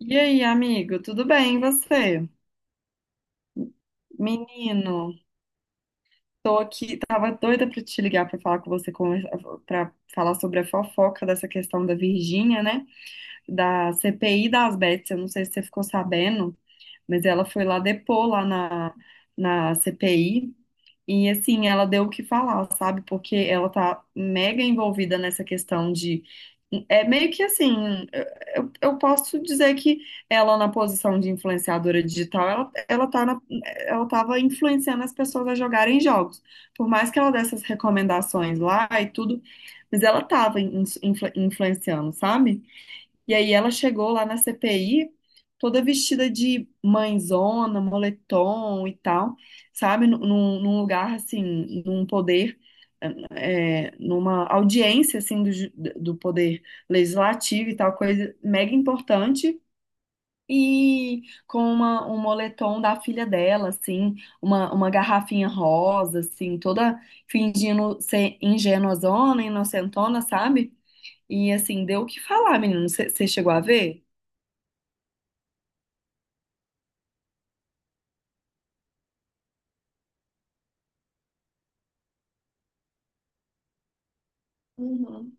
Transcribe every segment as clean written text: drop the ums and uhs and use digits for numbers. E aí, amigo, tudo bem? E você? Menino, tô aqui, tava doida pra te ligar pra falar com você, para falar sobre a fofoca dessa questão da Virgínia, né? Da CPI das Bets, eu não sei se você ficou sabendo, mas ela foi lá depor lá na CPI. E assim, ela deu o que falar, sabe? Porque ela tá mega envolvida nessa questão de. É meio que assim, eu posso dizer que ela na posição de influenciadora digital, ela ela tava influenciando as pessoas a jogarem jogos. Por mais que ela desse as recomendações lá e tudo, mas ela tava influenciando, sabe? E aí ela chegou lá na CPI, toda vestida de mãezona, moletom e tal, sabe? Num lugar, assim, num poder, numa audiência, assim, do poder legislativo e tal, coisa mega importante. E com um moletom da filha dela, assim, uma garrafinha rosa, assim, toda fingindo ser ingênuazona, inocentona, sabe? E assim, deu o que falar, menino. Você chegou a ver? Uhum.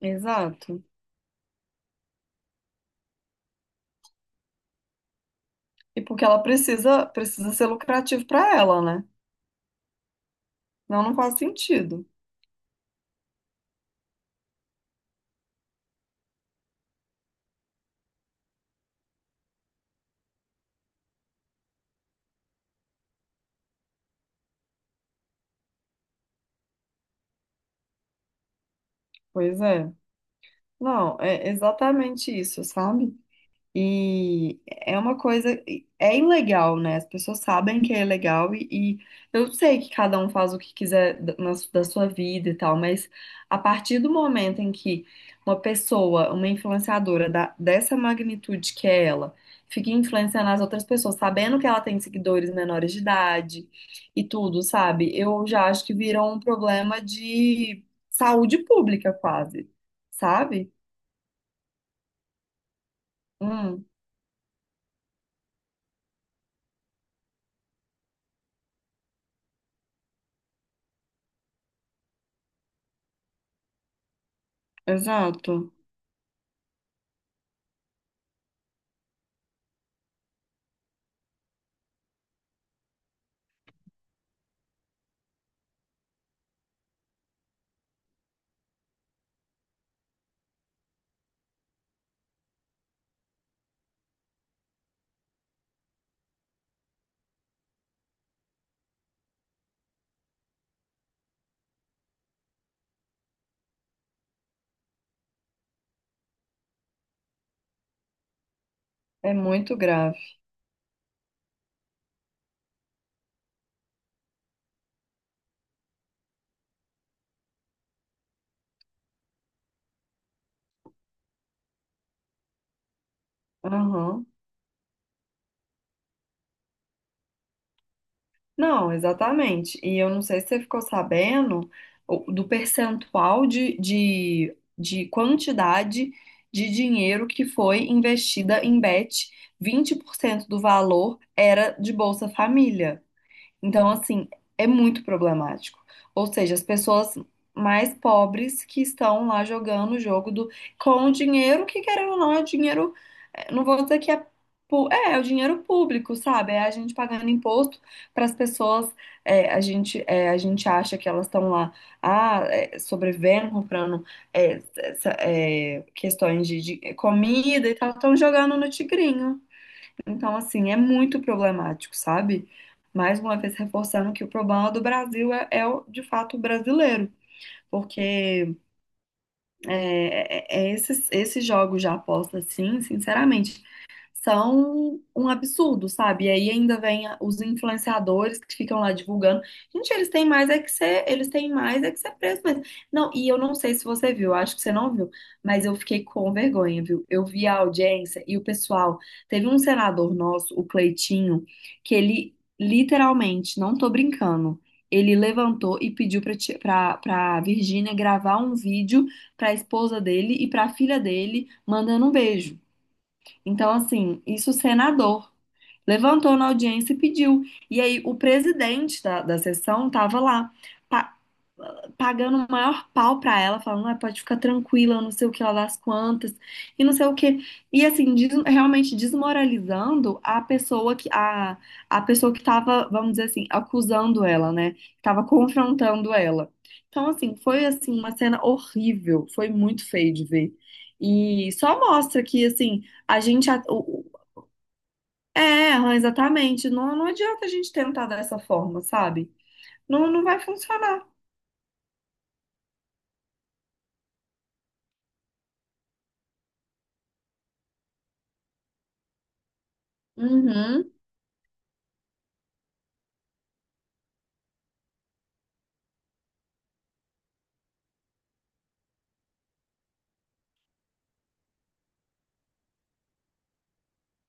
Exato. E porque ela precisa, precisa ser lucrativo para ela, né? Não, não faz sentido. Pois é. Não, é exatamente isso, sabe? E é uma coisa, é ilegal, né? As pessoas sabem que é ilegal e eu sei que cada um faz o que quiser da sua vida e tal, mas a partir do momento em que uma pessoa, uma influenciadora dessa magnitude que é ela, fica influenciando as outras pessoas, sabendo que ela tem seguidores menores de idade e tudo, sabe? Eu já acho que virou um problema de saúde pública quase, sabe? Hum, exato. É muito grave. Aham. Não, exatamente. E eu não sei se você ficou sabendo do percentual de, de quantidade de dinheiro que foi investida em bet. 20% do valor era de Bolsa Família. Então, assim, é muito problemático. Ou seja, as pessoas mais pobres que estão lá jogando o jogo do com dinheiro que, querendo ou não, é dinheiro. Não vou dizer que é. É o dinheiro público, sabe? É a gente pagando imposto para as pessoas. A gente acha que elas estão lá, ah, sobrevivendo, comprando questões de comida e tal, estão jogando no tigrinho. Então, assim, é muito problemático, sabe? Mais uma vez reforçando que o problema do Brasil é de fato o brasileiro, porque esses jogos de aposta, assim, sinceramente são um absurdo, sabe? E aí ainda vem os influenciadores que ficam lá divulgando. Gente, eles têm mais é que ser preso mesmo. Não, e eu não sei se você viu, acho que você não viu, mas eu fiquei com vergonha, viu? Eu vi a audiência e o pessoal, teve um senador nosso, o Cleitinho, que ele literalmente, não tô brincando, ele levantou e pediu pra ti- pra para Virgínia gravar um vídeo pra esposa dele e pra filha dele mandando um beijo. Então, assim, isso o senador levantou na audiência e pediu. E aí o presidente da sessão estava lá. Pa- pagando o maior pau pra ela, falando, ah, pode ficar tranquila, não sei o que lá das quantas, e não sei o que. E assim, realmente desmoralizando a pessoa que tava, vamos dizer assim, acusando ela, né? Que tava confrontando ela. Então, assim, foi assim uma cena horrível, foi muito feio de ver. E só mostra que assim, a gente exatamente, não, não adianta a gente tentar dessa forma, sabe? Não, não vai funcionar. Uhum,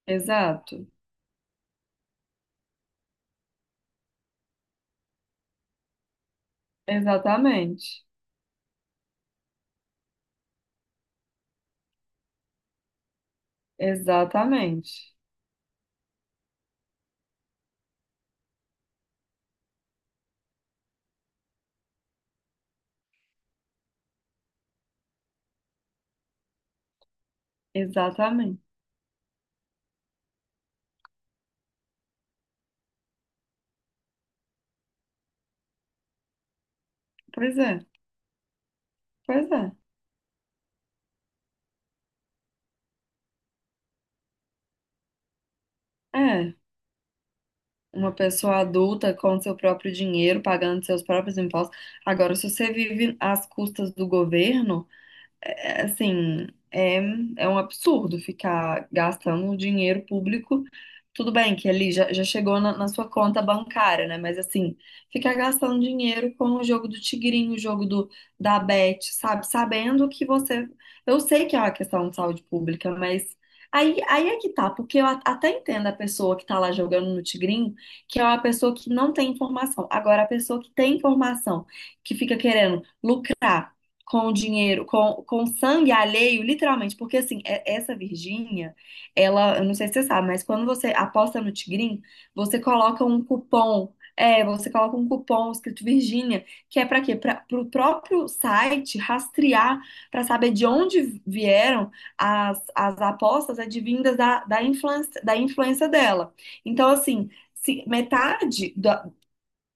exato. Exatamente. Exatamente. Exatamente. Pois é. Pois é. É. Uma pessoa adulta com seu próprio dinheiro, pagando seus próprios impostos. Agora, se você vive às custas do governo. Assim, é, é um absurdo ficar gastando um dinheiro público. Tudo bem que ali já, já chegou na sua conta bancária, né? Mas assim, ficar gastando dinheiro com o jogo do tigrinho, da Bet, sabe? Sabendo que você. Eu sei que é uma questão de saúde pública, mas aí é que tá, porque eu até entendo a pessoa que tá lá jogando no tigrinho, que é uma pessoa que não tem informação. Agora, a pessoa que tem informação, que fica querendo lucrar com o dinheiro, com sangue alheio, literalmente, porque assim, essa Virgínia, ela, eu não sei se você sabe, mas quando você aposta no Tigrinho, você coloca um cupom escrito Virgínia, que é para quê? Para o próprio site rastrear, para saber de onde vieram as apostas advindas da influência dela. Então, assim, se metade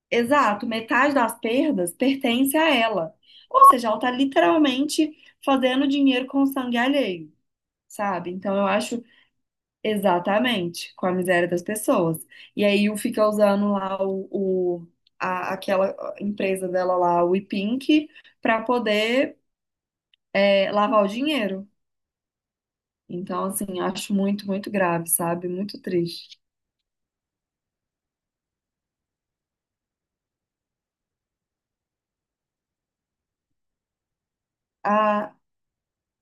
Exato, metade das perdas pertence a ela. Ou seja, ela está literalmente fazendo dinheiro com o sangue alheio, sabe? Então eu acho exatamente com a miséria das pessoas. E aí o fica usando lá o- aquela empresa dela lá, o Pink, para poder lavar o dinheiro. Então, assim, acho muito, muito grave, sabe? Muito triste.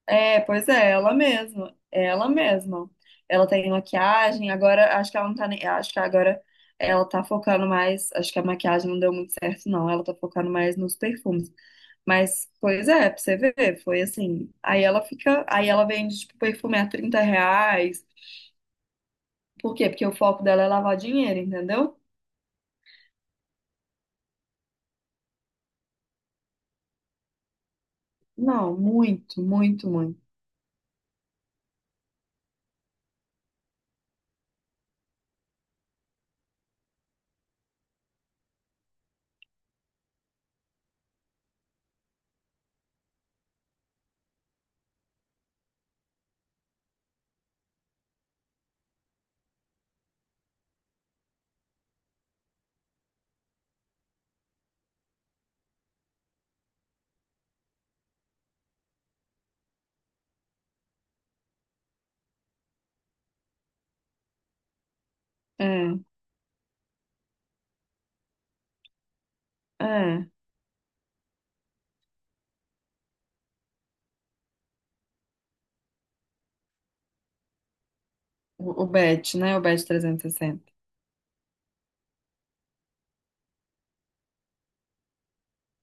É, pois é, ela mesma, ela mesma. Ela tem maquiagem, agora acho que ela não tá nem, acho que agora ela tá focando mais, acho que a maquiagem não deu muito certo não, ela tá focando mais nos perfumes. Mas, pois é, pra você ver, foi assim. Aí ela vende tipo perfume a R$ 30. Por quê? Porque o foco dela é lavar dinheiro, entendeu? Não, muito, muito, muito. É, é. O Bet, né? O Bet 360.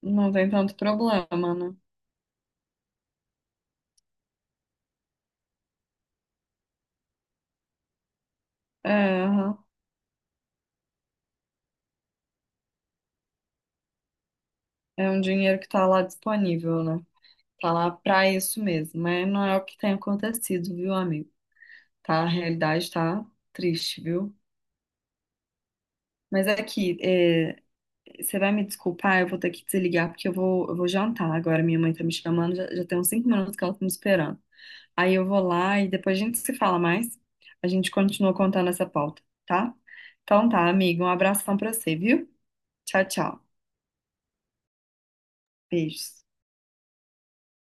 Não tem tanto problema, né? É, aham. É um dinheiro que tá lá disponível, né? Tá lá pra isso mesmo, mas não é o que tem acontecido, viu, amigo? Tá, a realidade tá triste, viu? Mas aqui, você vai me desculpar, eu vou ter que desligar porque eu vou jantar agora. Minha mãe tá me chamando, já tem uns 5 minutos que ela tá me esperando. Aí eu vou lá e depois a gente se fala mais. A gente continua contando essa pauta, tá? Então tá, amigo, um abração pra você, viu? Tchau, tchau. Beijos.